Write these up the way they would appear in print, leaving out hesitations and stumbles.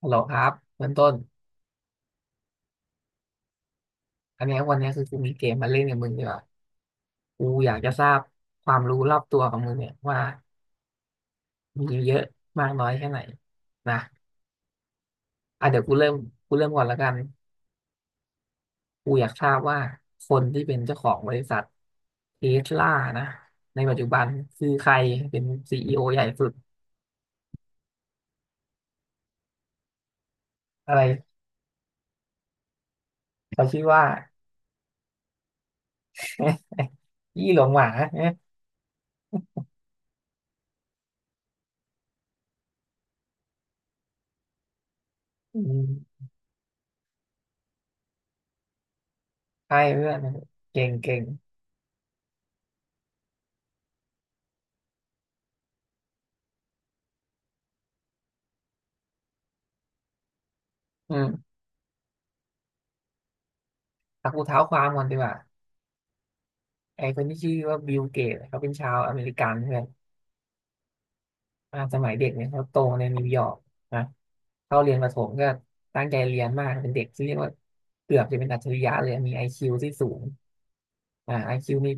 ฮัลโหลครับเบื้องต้นอันเนี้ยวันเนี้ยคือกูมีเกมมาเล่นกับมึงดีกว่ากูอยากจะทราบความรู้รอบตัวของมึงเนี่ยว่ามีเยอะมากน้อยแค่ไหนนะอ่ะเดี๋ยวกูเริ่มก่อนละกันกูอยากทราบว่าคนที่เป็นเจ้าของบริษัทเทสลานะในปัจจุบันคือใครเป็นซีอีโอใหญ่สุดอะไรเขาชื่อว่า ยี่หลงหวาเอ๊ะอืมใช่เพื่อนเก่งเก่งอืมแต่กูเท้าความก่อนดีกว่า ไอคนที่ชื่อว่าบิลเกตเขาเป็นชาวอเมริกันเพื่อนสมัยเด็กเนี่ยเขาโตในนิวยอร์กนะเข้าเรียนประถมก็ตั้งใจเรียนมากเป็นเด็กที่เรียกว่าเกือบจะเป็นอัจฉริยะเลยมีไอคิวที่สูงไอคิวมี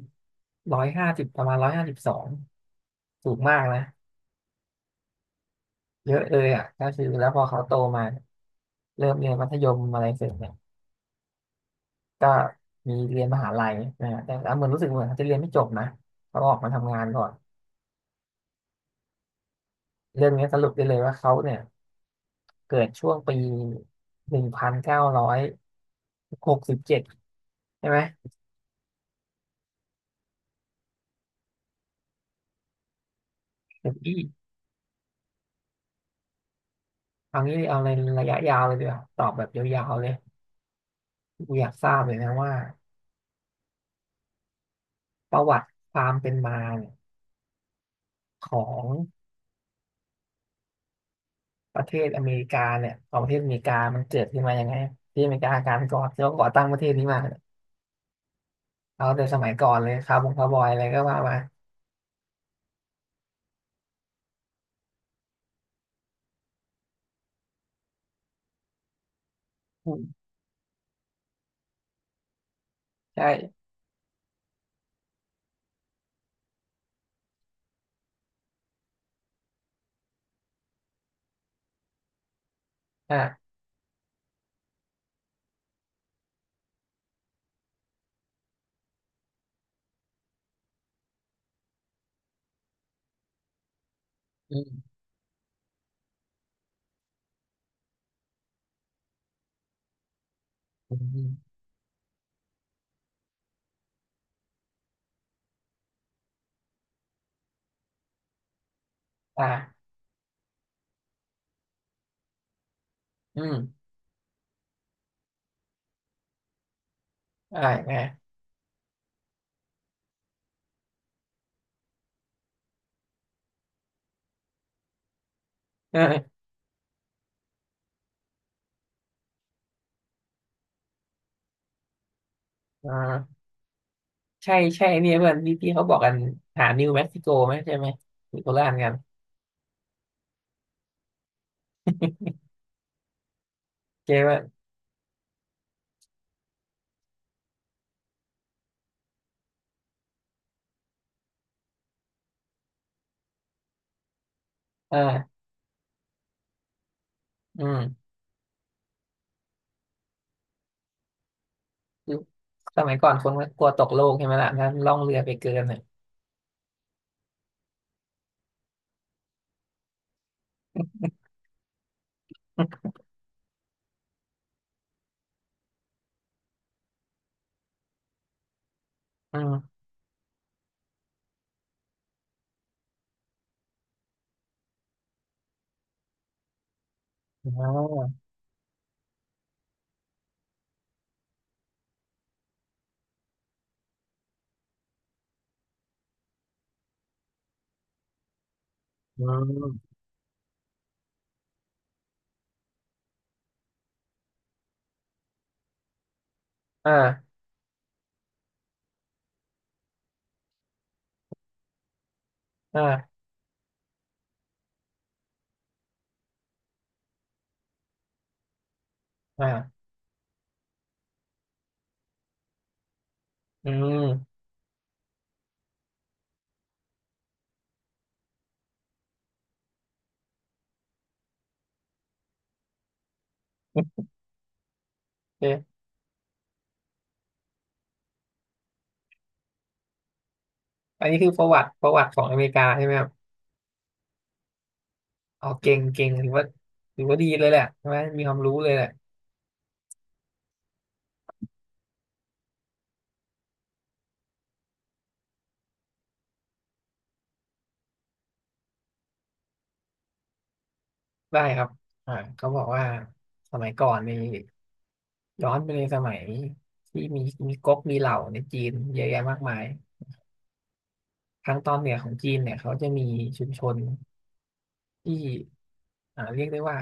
ร้อยห้าสิบประมาณ152สูงมากนะเยอะเลยอ่ะก็คือแล้วพอเขาโตมาเริ่มเรียนมัธยมอะไรเสร็จเนี่ยก็มีเรียนมหาลัยนะฮะแต่เหมือนรู้สึกเหมือนเขาจะเรียนไม่จบนะเขาออกมาทำงานก่อนเรื่องนี้สรุปได้เลยว่าเขาเนี่ย เกิดช่วงปี1967ใช่ไหมเดี๋ยวพี่เอางี้เอาในระยะยาวเลยดีกว่าตอบแบบยาวๆเลยกูอยากทราบเลยนะว่าประวัติความเป็นมาเนี่ยของประเทศอเมริกาเนี่ยของประเทศอเมริกามันเกิดขึ้นมายังไงที่อเมริกาการก่อที่เขาก่อตั้งประเทศนี้มาเนี่ยเอาแต่สมัยก่อนเลยคาร์บงคาร์บอยอะไรก็ว่ามาอืมใช่อ่ะอืมอืมอืมอ่ะอืมอ่ะไง เอออ่า ใช่ใช่เนี่ยเพื่อนที่ที่เขาบอกกันหานิวเม็กซิโกไหมใช่ไหมมีโคราชกันเจ๊ว่าเอออืมคือสมัยก่อนคนก็กลัวตกโลกใช่ไหมล่ะนั้นล่องเรือไปเกินน่อย อืมอ๋ออืมอ่าอ่าอ่าอืมโอเคอันนี้คือประวัติของอเมริกาใช่ไหมครับเอาเก่งเก่งถือว่าดีเลยแหละใช่ไหมมีความรู้เลยแหละได้ครับเขาบอกว่าสมัยก่อนนี่ ย้อนไปในสมัยที่มีก๊กมีเหล่าในจีนเยอะแยะมากมายทางตอนเหนือของจีนเนี่ยเขาจะมีชุมชนที่เรียกได้ว่า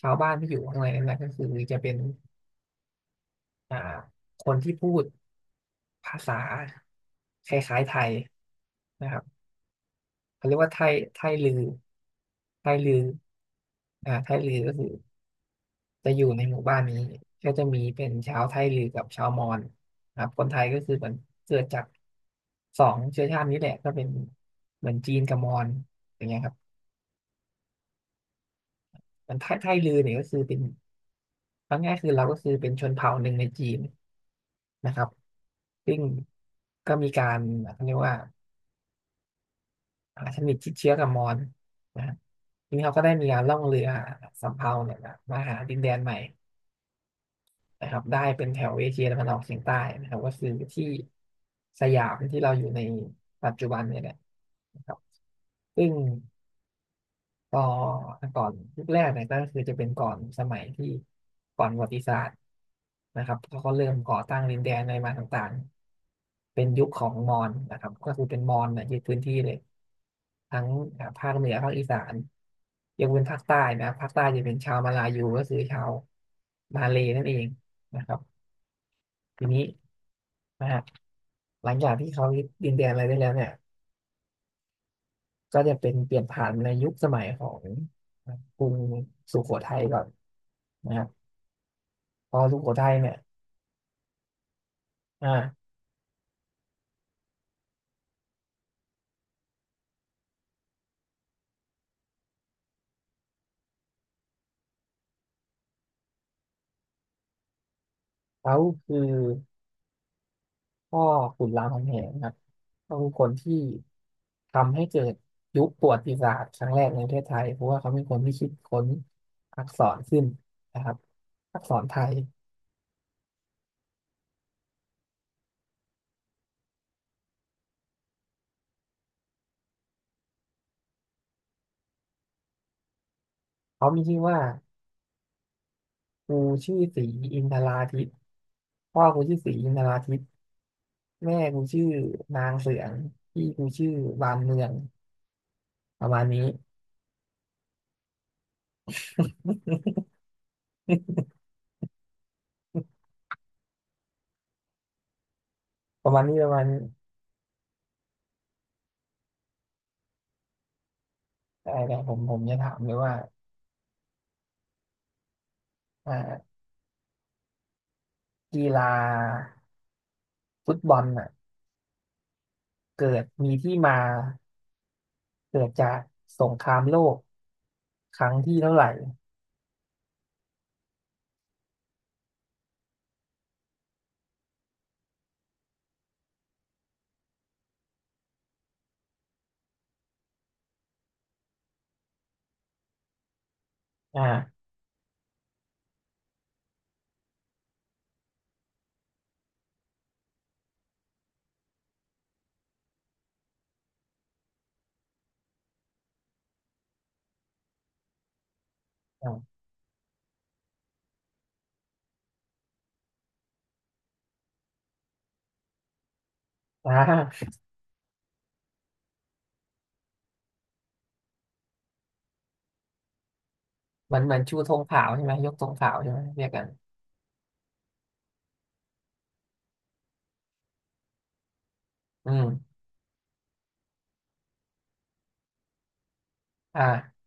ชาวบ้านที่อยู่ข้างในนั้นนะก็คือจะเป็นอ่าคนที่พูดภาษาคล้ายๆไทยนะครับเขาเรียกว่าไทยลือไทยลือไทยลือก็คือ จะอยู่ในหมู่บ้านนี้ก็จะมีเป็นชาวไทลือกับชาวมอญครับคนไทยก็คือเหมือนเกิดจากสองเชื้อชาตินี้แหละก็เป็นเหมือนจีนกับมอญอย่างเงี้ยครับมันไทลือเนี่ยก็คือเป็นเอาง่ายๆคือเราก็คือเป็นชนเผ่าหนึ่งในจีนนะครับซึ่งก็มีการเขาเรียกว่าสนิทชิดเชื้อกับมอญนะฮะทีนี้เขาก็ได้มีการล่องเรือสำเภาเนี่ยนะมาหาดินแดนใหม่ นะครับได้เป็นแถวเอเชียตะวันออกเฉียงใต้นะครับก็คือที่สยามที่เราอยู่ในปัจจุบันเนี่ยแหละนะครับซึ่งก็ก่อนยุคแรกเนี่ยก็คือจะเป็นก่อนสมัยที่ก่อนประวัติศาสตร์นะครับเขาก็เริ่มก่อตั้งดินแดนอะไรมาต่างๆเป็นยุคของมอญนะครับก็คือเป็นมอญเนี่ยยึดพื้นที่เลยทั้งภาคเหนือภาคอีสานยกเว้นภาคใต้นะภาคใต้จะเป็นชาวมาลายูก็คือชาวมาเลย์นั่นเองนะครับ ทีนี้นะฮะหลังจากที่เขายึดดินแดนอะไรได้แล้วเนี่ยก็จะเป็นเปลี่ยนผ่านในยุคสมัยของกรุงสุโขทัยก่อนนะครับพอสุโขทัยเนี่ยอ่าเขาคือพ่อขุนรามคำแหงครับเขาคือคนที่ทำให้เกิดยุคประวัติศาสตร์ครั้งแรกในประเทศไทยเพราะว่าเขาเป็นคนที่คิดค้นอักษรขึ้นนะครับอักษรไทยเขามีชื่อว่าครูชื่อศรีอินทราทิตย์พ่อครูชื่อศรีอินทราทิต แม่กูชื่อนางเสืองพี่กูชื่อบานเมืองประมาณนี้ ประมาณนี้ประมาณนี้แต่ผมจะถามเลยว่าอ่ากีฬาฟุตบอลอ่ะเกิดมีที่มาเกิดจากสงครามโลกครั้งที่เท่าไหร่อ่าอ่าอ่า มันเหมือนชูธงขาวใช่ไหมยกธงขาวใช่ไหมเรียกกันอืมอ่า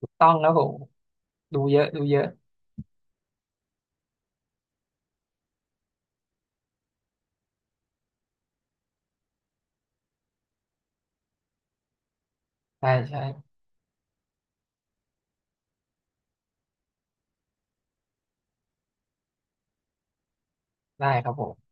ถูกต้องแล้วผมดูเยอะดูเยอะใช่ใช่ได้ครับผม